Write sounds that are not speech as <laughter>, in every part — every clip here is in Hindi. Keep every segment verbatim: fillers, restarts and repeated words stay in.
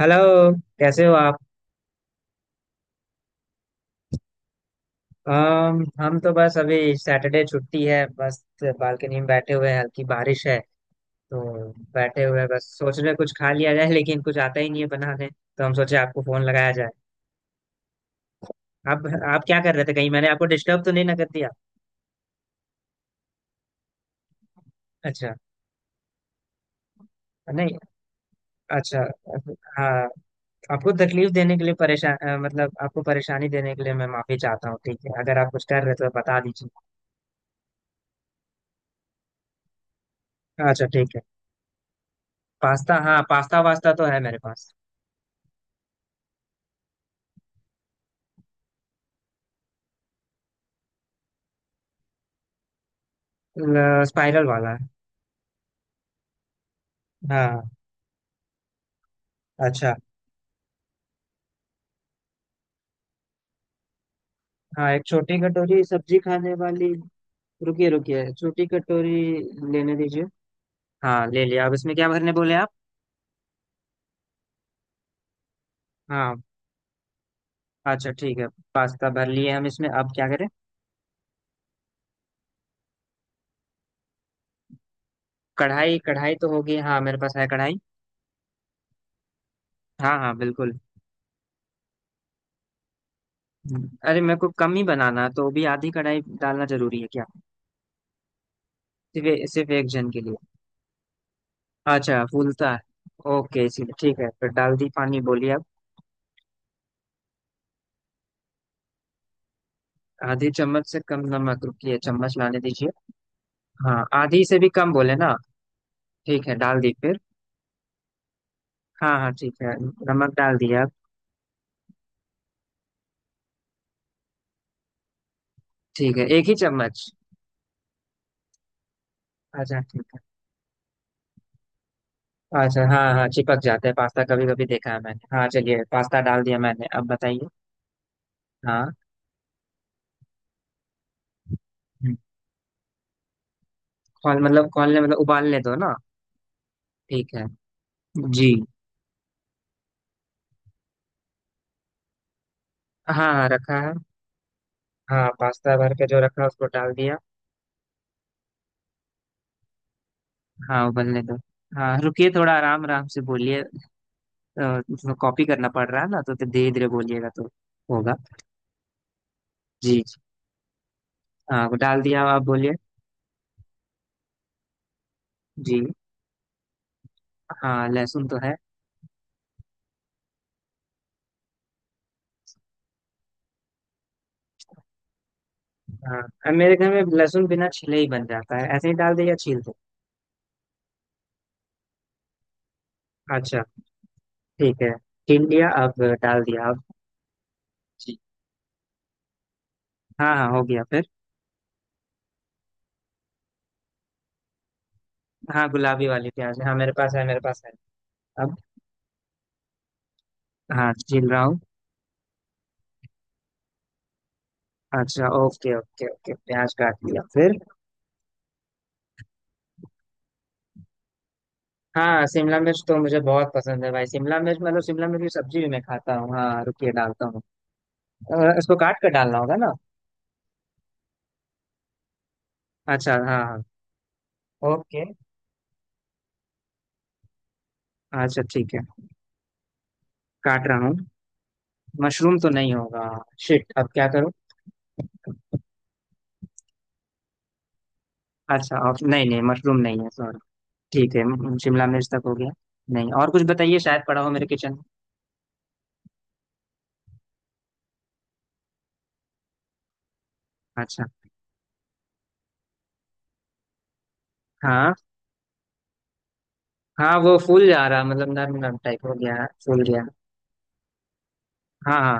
हेलो। कैसे हो आप? अम, हम तो बस अभी सैटरडे छुट्टी है, बस बालकनी में बैठे हुए हैं, हल्की बारिश है। तो बैठे हुए हैं, बस सोच रहे हैं कुछ खा लिया जाए, लेकिन कुछ आता ही नहीं है बनाने, तो हम सोचे आपको फोन लगाया जाए। आप आप क्या कर रहे थे, कहीं मैंने आपको डिस्टर्ब तो नहीं ना कर दिया? अच्छा। नहीं। अच्छा। हाँ। आपको तकलीफ देने के लिए परेशान, मतलब आपको परेशानी देने के लिए मैं माफी चाहता हूँ। ठीक है, अगर आप कुछ कर रहे हो तो बता दीजिए। अच्छा, ठीक है। पास्ता, हाँ पास्ता वास्ता तो है मेरे पास। स्पाइरल वाला। हाँ। अच्छा। हाँ, एक छोटी कटोरी सब्जी खाने वाली। रुकिए रुकिए, छोटी कटोरी लेने दीजिए। हाँ, ले लिया, अब इसमें क्या भरने बोले आप? हाँ। अच्छा ठीक है। पास्ता भर लिए हम, इसमें अब क्या करें? कढ़ाई, कढ़ाई तो होगी, हाँ मेरे पास है कढ़ाई। हाँ हाँ बिल्कुल। हम्म, अरे मेरे को कम ही बनाना है, तो भी आधी कढ़ाई डालना जरूरी है क्या? सिर्फ सिर्फ एक जन के लिए। अच्छा, फूलता है। ओके, इसीलिए ठीक है फिर। डाल दी पानी, बोलिए आप। आधी चम्मच से कम नमक, रुकिए चम्मच लाने दीजिए। हाँ आधी से भी कम बोले ना। ठीक है, डाल दी फिर। हाँ हाँ ठीक है। नमक डाल दिया। ठीक है, एक ही चम्मच। अच्छा ठीक है। अच्छा, हाँ हाँ चिपक जाता है पास्ता कभी कभी, देखा है मैंने। हाँ चलिए, पास्ता डाल दिया मैंने, अब बताइए। हाँ। हम्म। खोल, मतलब खोलने, मतलब उबालने दो ना। ठीक है। जी। हाँ हाँ रखा है। हाँ, पास्ता भर के जो रखा है उसको डाल दिया। हाँ उबलने दो। हाँ रुकिए, थोड़ा आराम आराम से बोलिए। अ, कॉपी करना पड़ रहा है ना, तो धीरे धीरे बोलिएगा तो होगा। जी जी। हाँ वो डाल दिया, अब आप बोलिए। जी। हाँ लहसुन तो है। हाँ, अब मेरे घर में लहसुन बिना छिले ही बन जाता है, ऐसे ही डाल दे या छील दो? अच्छा ठीक है। छील लिया, अब डाल दिया अब। जी। हाँ हाँ हो गया फिर। हाँ गुलाबी वाली प्याज है। हाँ मेरे पास है, मेरे पास है। अब। हाँ छील रहा हूँ। अच्छा, ओके ओके ओके, प्याज काट लिया फिर। हाँ, शिमला मिर्च तो मुझे बहुत पसंद है भाई, शिमला मिर्च मतलब शिमला मिर्च की सब्जी भी मैं खाता हूँ। हाँ रुकिए, डालता हूँ। अ, इसको काट कर डालना होगा ना? अच्छा हाँ हाँ। ओके। अच्छा ठीक है। काट रहा हूँ। मशरूम तो नहीं होगा। शिट, अब क्या करूँ? अच्छा ऑफ, नहीं नहीं, मशरूम नहीं है सॉरी। ठीक है, म- शिमला मिर्च तक हो गया। नहीं, और कुछ बताइए शायद पड़ा हो मेरे किचन में। अच्छा। हाँ हाँ, वो फूल जा रहा, मतलब नरम नरम टाइप हो गया फूल गया। हाँ हाँ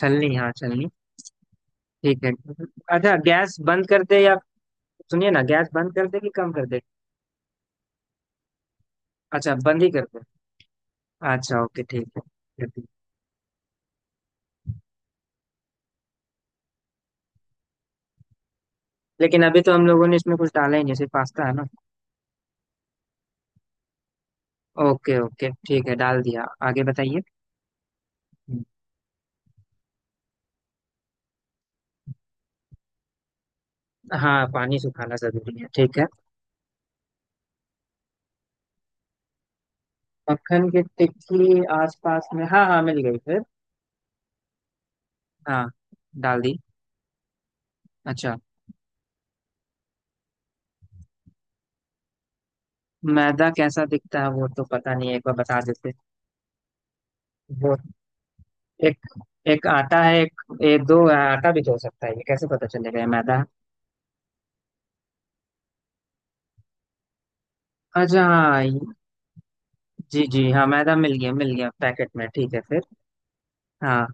छलनी, हाँ छलनी। ठीक है। अच्छा गैस बंद कर दे या, सुनिए ना, गैस बंद कर दे कि कम कर दे? अच्छा बंद ही कर दे। अच्छा ओके ठीक है। ठीक है। लेकिन अभी तो हम लोगों ने इसमें कुछ डाला ही नहीं, सिर्फ पास्ता है ना। ओके ओके ठीक है, डाल दिया, आगे बताइए। हाँ पानी सुखाना जरूरी है, ठीक है। मक्खन की टिक्की आसपास में, हाँ हाँ मिल गई फिर। हाँ। डाल दी। अच्छा। मैदा कैसा दिखता है वो तो पता नहीं है, एक बार बता देते। वो एक, एक आटा है, एक ये, दो, आटा भी तो हो सकता है, ये कैसे पता चलेगा ये मैदा है? अच्छा हाँ ये- जी जी, हाँ मैदा मिल गया, मिल गया पैकेट में, ठीक है फिर। हाँ।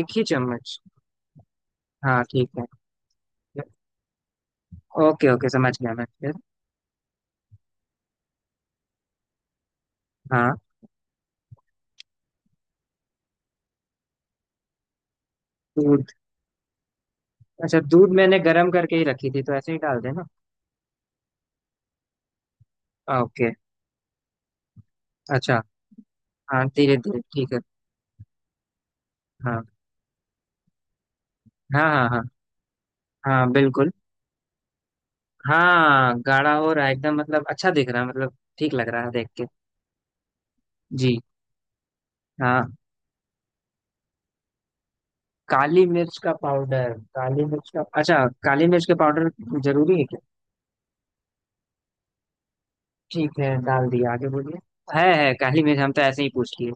एक ही चम्मच। हाँ ठीक है। ओके ओके समझ गया मैं फिर। हाँ। दूध। अच्छा, दूध मैंने गर्म करके ही रखी थी, तो ऐसे ही डाल देना। ओके। अच्छा। हाँ धीरे धीरे ठीक है। हाँ हाँ हाँ हाँ। हाँ बिल्कुल। हाँ गाढ़ा हो रहा है एकदम, मतलब अच्छा दिख रहा है, मतलब ठीक लग रहा है देख के। जी। हाँ, काली मिर्च का पाउडर, काली मिर्च का, अच्छा काली मिर्च का पाउडर। जरूरी है क्या? ठीक है डाल दिया, आगे बोलिए। है है काली मिर्च, हम तो ऐसे ही पूछ लिए।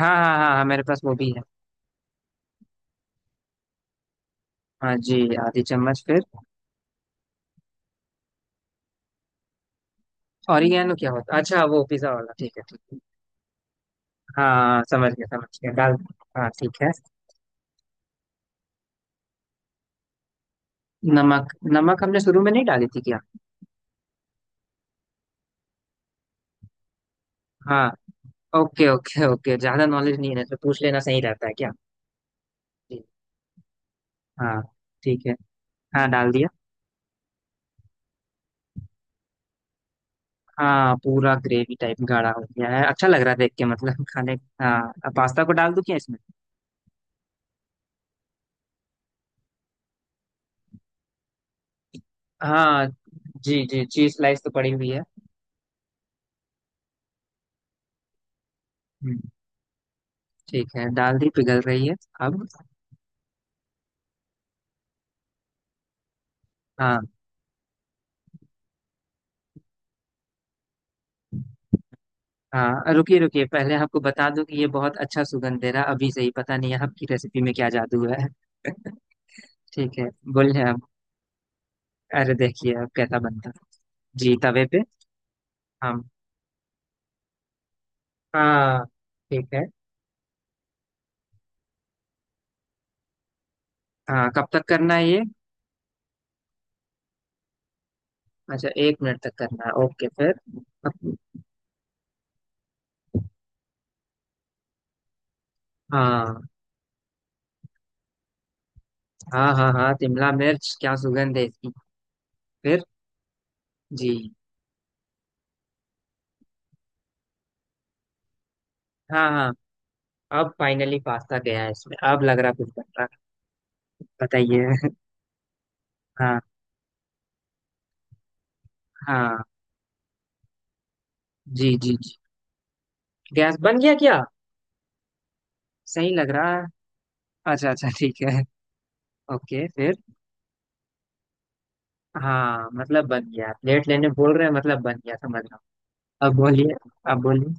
हाँ हाँ हाँ हाँ, मेरे पास वो भी है। हाँ जी। आधी चम्मच फिर। ऑरिगेनो क्या होता है? अच्छा वो पिज्जा वाला, ठीक है ठीक है। हाँ। हाँ, समझ गया समझ गया डाल। हाँ ठीक है। नमक, नमक हमने शुरू में नहीं डाली थी क्या? हाँ। ओके ओके ओके, ज्यादा नॉलेज नहीं है तो पूछ लेना सही रहता है क्या? जी। हाँ ठीक है। हाँ डाल दिया। हाँ, पूरा ग्रेवी टाइप गाढ़ा हो गया है, अच्छा लग रहा है देख के मतलब <laughs> खाने। हाँ, अब पास्ता को डाल दूं क्या इसमें? हाँ। जी जी, चीज स्लाइस तो पड़ी हुई है। हम्म, ठीक है डाल दी, पिघल रही है। अब। हाँ हाँ रुकिए रुकिए, पहले आपको बता दूं कि ये बहुत अच्छा सुगंध दे रहा अभी से ही, पता नहीं आपकी रेसिपी में क्या जादू है <laughs> ठीक है, बोलिए आप। अरे देखिए अब कैसा बनता। जी तवे पे। हम। हाँ। ठीक है। हाँ, कब तक करना है ये? अच्छा एक मिनट तक करना है, ओके फिर। अब- हाँ हाँ हाँ हाँ, शिमला मिर्च, क्या सुगंध है इसकी। फिर। जी। हाँ हाँ। अब फाइनली पास्ता गया है इसमें, अब लग रहा कुछ बन रहा है। बताइए। हाँ हाँ। जी जी जी। गैस बन गया क्या? सही लग रहा है। अच्छा अच्छा ठीक है। ओके फिर। हाँ, मतलब बन गया, प्लेट लेने बोल रहे हैं, मतलब बन गया समझ रहा हूँ। अब बोलिए, अब बोलिए।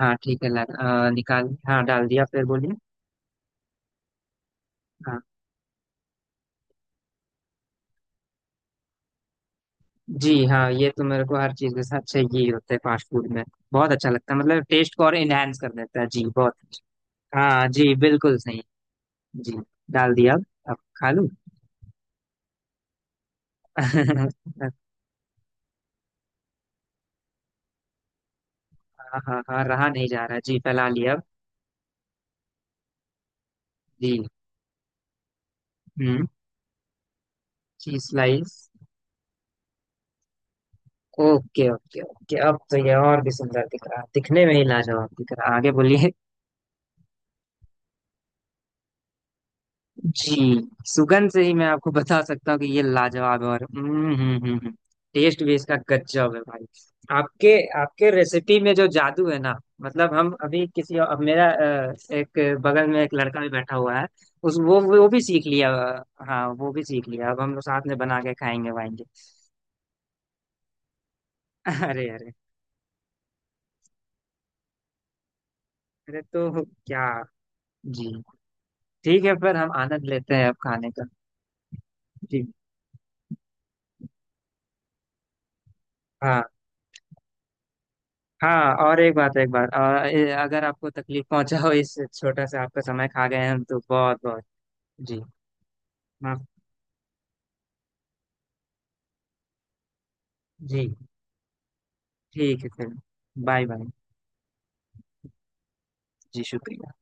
हाँ ठीक है लग, अ, निकाल, हाँ डाल दिया, फिर बोलिए। हाँ। जी, हाँ ये तो मेरे को हर चीज के साथ चाहिए ही होता है फास्ट फूड में। बहुत अच्छा लगता है, मतलब टेस्ट को और इनहेंस कर देता है जी, बहुत अच्छा। हाँ जी बिल्कुल सही। जी। डाल दिया अब। अब खा लूँ? <laughs> हाँ। हाँ हाँ, रहा नहीं जा रहा जी, फैला लिया अब। जी। हम्म। Cheese slice. Okay okay okay, अब तो ये और भी सुंदर दिख रहा है, दिखने में ही लाजवाब दिख रहा है, आगे बोलिए। जी, सुगंध से ही मैं आपको बता सकता हूँ कि ये लाजवाब है। और हम्म हम्म हम्म हम्म। टेस्ट भी इसका गजब है भाई। आपके, आपके रेसिपी में जो जादू है ना, मतलब हम अभी किसी, अब मेरा अ, एक, बगल में एक लड़का भी बैठा हुआ है। उस वो वो भी सीख लिया, अ, हाँ वो भी सीख लिया, अब हम लोग साथ में बना के खाएंगे वाएंगे। <laughs> अरे अरे, अरे तो क्या। जी। ठीक है फिर, हम आनंद लेते हैं अब खाने का। जी। हाँ हाँ, और एक बात, एक बात और ए- अगर आपको तकलीफ पहुंचाओ, इस छोटा सा आपका समय खा गए हम, तो बहुत बहुत। जी। माफ। जी। ठीक है फिर। Bye bye. जी शुक्रिया।